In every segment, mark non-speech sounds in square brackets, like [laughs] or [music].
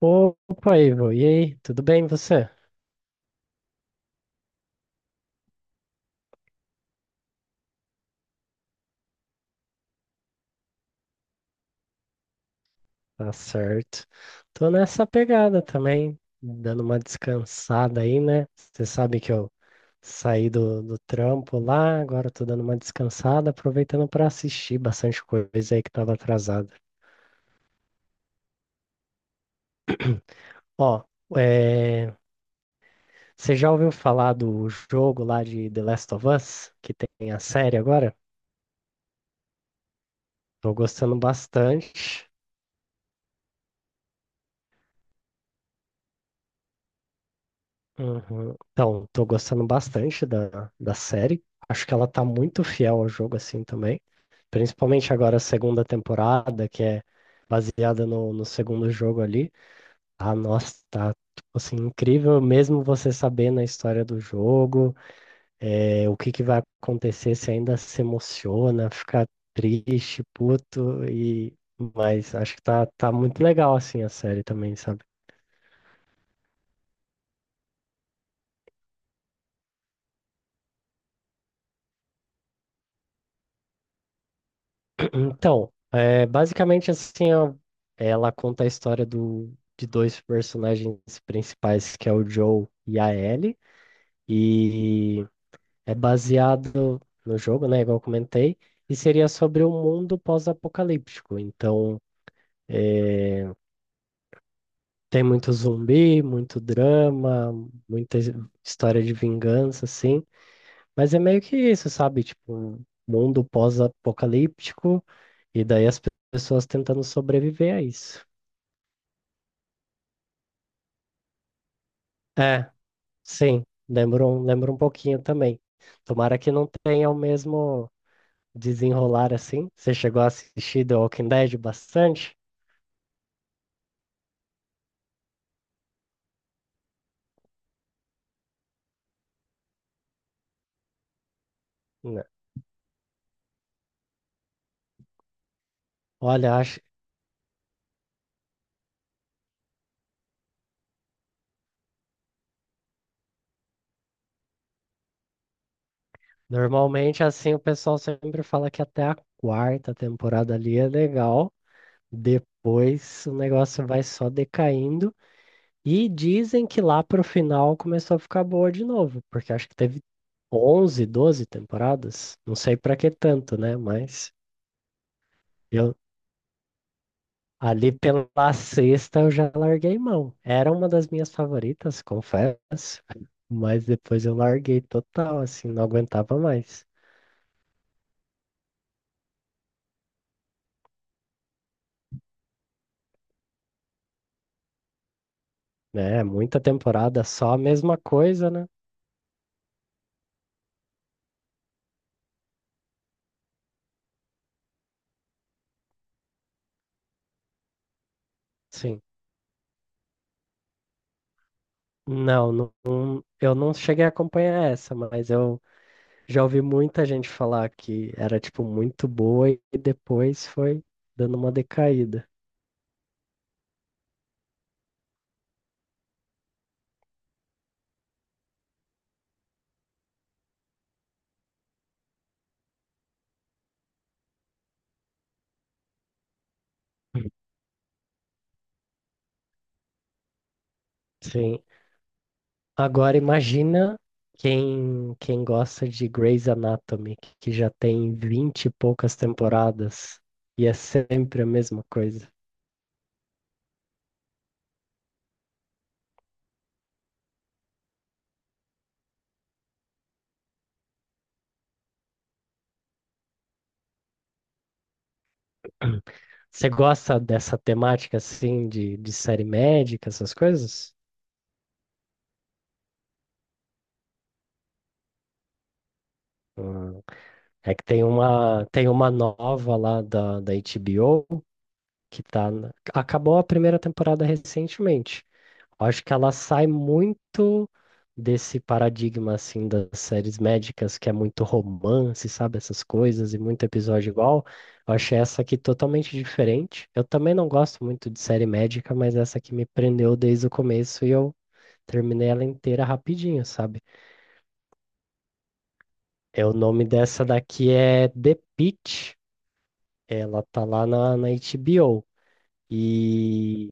Opa, Ivo, e aí? Tudo bem você? Tá certo. Tô nessa pegada também, dando uma descansada aí, né? Você sabe que eu saí do trampo lá, agora eu tô dando uma descansada, aproveitando para assistir bastante coisa aí que tava atrasada. [clears throat] Ó, é, você já ouviu falar do jogo lá de The Last of Us, que tem a série agora? Tô gostando bastante. Uhum. Então, tô gostando bastante da série. Acho que ela tá muito fiel ao jogo assim também. Principalmente agora a segunda temporada, que é baseada no segundo jogo ali. Ah, nossa, tá tipo assim, incrível mesmo você sabendo a história do jogo, o que que vai acontecer, se ainda se emociona, fica triste, puto, e mas acho que tá, tá muito legal assim a série também, sabe? Então, é, basicamente assim, ó, ela conta a história do, de dois personagens principais, que é o Joe e a Ellie, e é baseado no jogo, né, igual eu comentei, e seria sobre o mundo pós-apocalíptico. Então, é, tem muito zumbi, muito drama, muita história de vingança, assim. Mas é meio que isso, sabe? Tipo, um mundo pós-apocalíptico, e daí as pessoas tentando sobreviver a isso. É, sim, lembro um pouquinho também. Tomara que não tenha o mesmo desenrolar assim. Você chegou a assistir The Walking Dead bastante? Né. Olha, acho, normalmente assim o pessoal sempre fala que até a quarta temporada ali é legal, depois o negócio vai só decaindo e dizem que lá pro final começou a ficar boa de novo, porque acho que teve 11, 12 temporadas, não sei pra que tanto, né? Mas eu ali pela sexta eu já larguei mão. Era uma das minhas favoritas, confesso, mas depois eu larguei total, assim, não aguentava mais, né? Muita temporada, só a mesma coisa, né? Sim. Eu não cheguei a acompanhar essa, mas eu já ouvi muita gente falar que era, tipo, muito boa e depois foi dando uma decaída. Sim, agora imagina quem gosta de Grey's Anatomy, que já tem vinte e poucas temporadas e é sempre a mesma coisa. Você gosta dessa temática assim de série médica, essas coisas? Hum. É que tem uma nova lá da HBO que tá. Acabou a primeira temporada recentemente. Acho que ela sai muito desse paradigma assim das séries médicas, que é muito romance, sabe, essas coisas e muito episódio igual. Eu achei essa aqui totalmente diferente. Eu também não gosto muito de série médica, mas essa aqui me prendeu desde o começo e eu terminei ela inteira rapidinho, sabe? É, o nome dessa daqui é The Pitt. Ela tá lá na HBO. E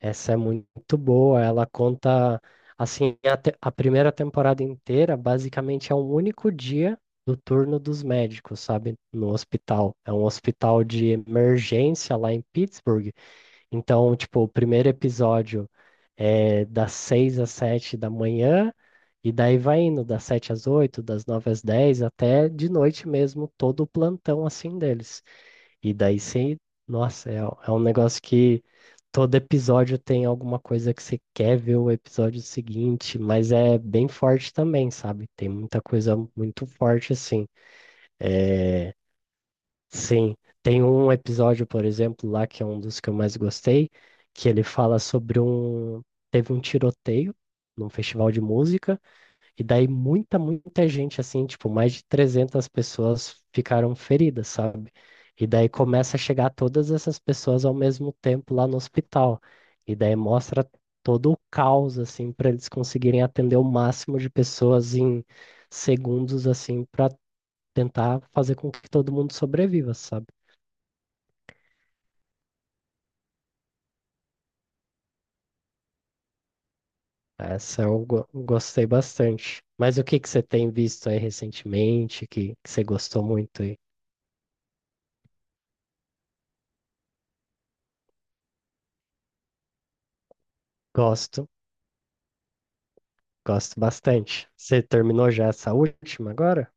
essa é muito boa. Ela conta, assim, a, a primeira temporada inteira, basicamente é um único dia do turno dos médicos, sabe? No hospital. É um hospital de emergência lá em Pittsburgh. Então, tipo, o primeiro episódio é das seis às sete da manhã, e daí vai indo das sete às oito, das nove às dez, até de noite mesmo, todo o plantão, assim, deles. E daí sim, nossa, é, é um negócio que todo episódio tem alguma coisa que você quer ver o episódio seguinte, mas é bem forte também, sabe? Tem muita coisa muito forte assim. É, sim, tem um episódio, por exemplo, lá que é um dos que eu mais gostei, que ele fala sobre um. Teve um tiroteio num festival de música. E daí muita gente, assim, tipo, mais de 300 pessoas ficaram feridas, sabe? E daí começa a chegar todas essas pessoas ao mesmo tempo lá no hospital. E daí mostra todo o caos, assim, para eles conseguirem atender o máximo de pessoas em segundos, assim, para tentar fazer com que todo mundo sobreviva, sabe? Essa eu gostei bastante. Mas o que que você tem visto aí recentemente que você gostou muito aí gosto? Gosto bastante. Você terminou já essa última agora?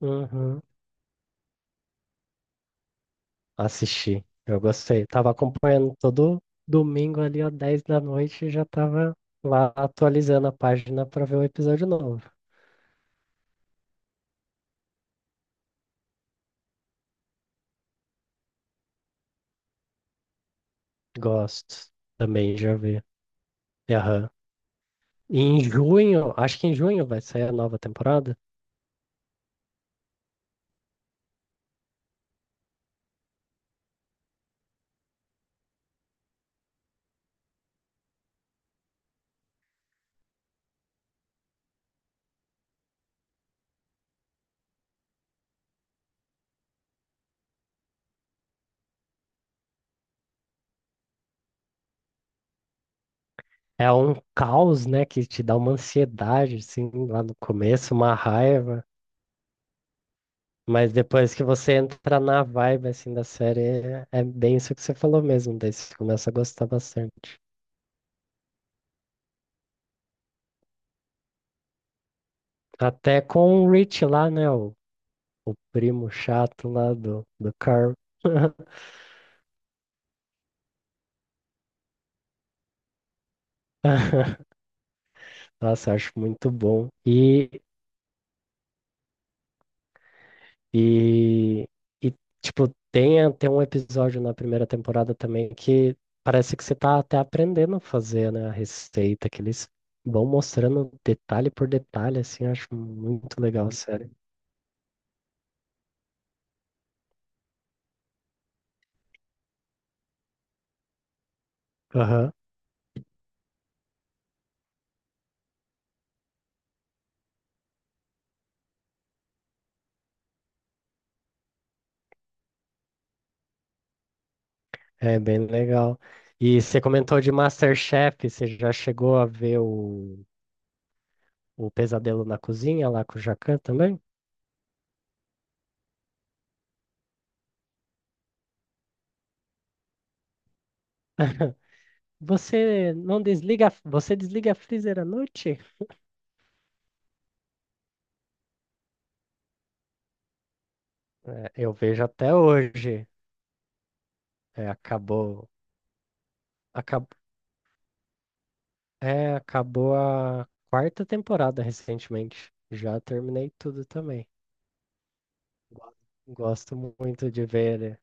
Uhum. Assisti. Eu gostei. Tava acompanhando todo domingo ali, ó, 10 da noite, e já tava lá atualizando a página pra ver o episódio novo. Gosto. Também já vi. Aham. E em junho, acho que em junho vai sair a nova temporada. É um caos, né, que te dá uma ansiedade, assim, lá no começo, uma raiva. Mas depois que você entra na vibe assim da série, é bem isso que você falou mesmo, daí você começa a gostar bastante. Até com o Rich lá, né? O primo chato lá do Carl. [laughs] Nossa, eu acho muito bom. E, e tipo, tem até um episódio na primeira temporada também que parece que você tá até aprendendo a fazer, né, a receita, que eles vão mostrando detalhe por detalhe, assim, eu acho muito legal a série. É bem legal. E você comentou de MasterChef, você já chegou a ver o Pesadelo na Cozinha lá com o Jacan também? Você não desliga, você desliga a freezer à noite? É, eu vejo até hoje. É, acabou, acabou, é, acabou a quarta temporada recentemente. Já terminei tudo também. Go- Gosto muito de ver.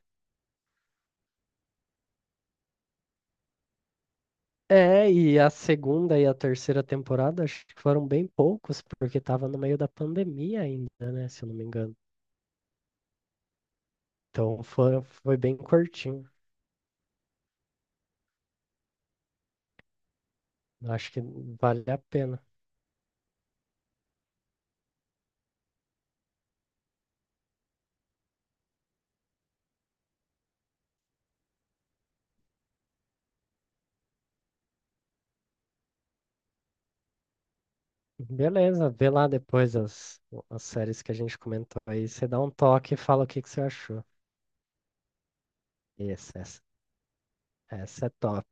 É, e a segunda e a terceira temporada acho que foram bem poucos, porque tava no meio da pandemia ainda, né? Se eu não me engano. Então foi, foi bem curtinho. Acho que vale a pena. Beleza, vê lá depois as séries que a gente comentou aí. Você dá um toque e fala o que que você achou. Isso, essa é top.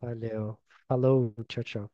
Valeu. Falou, tchau, tchau.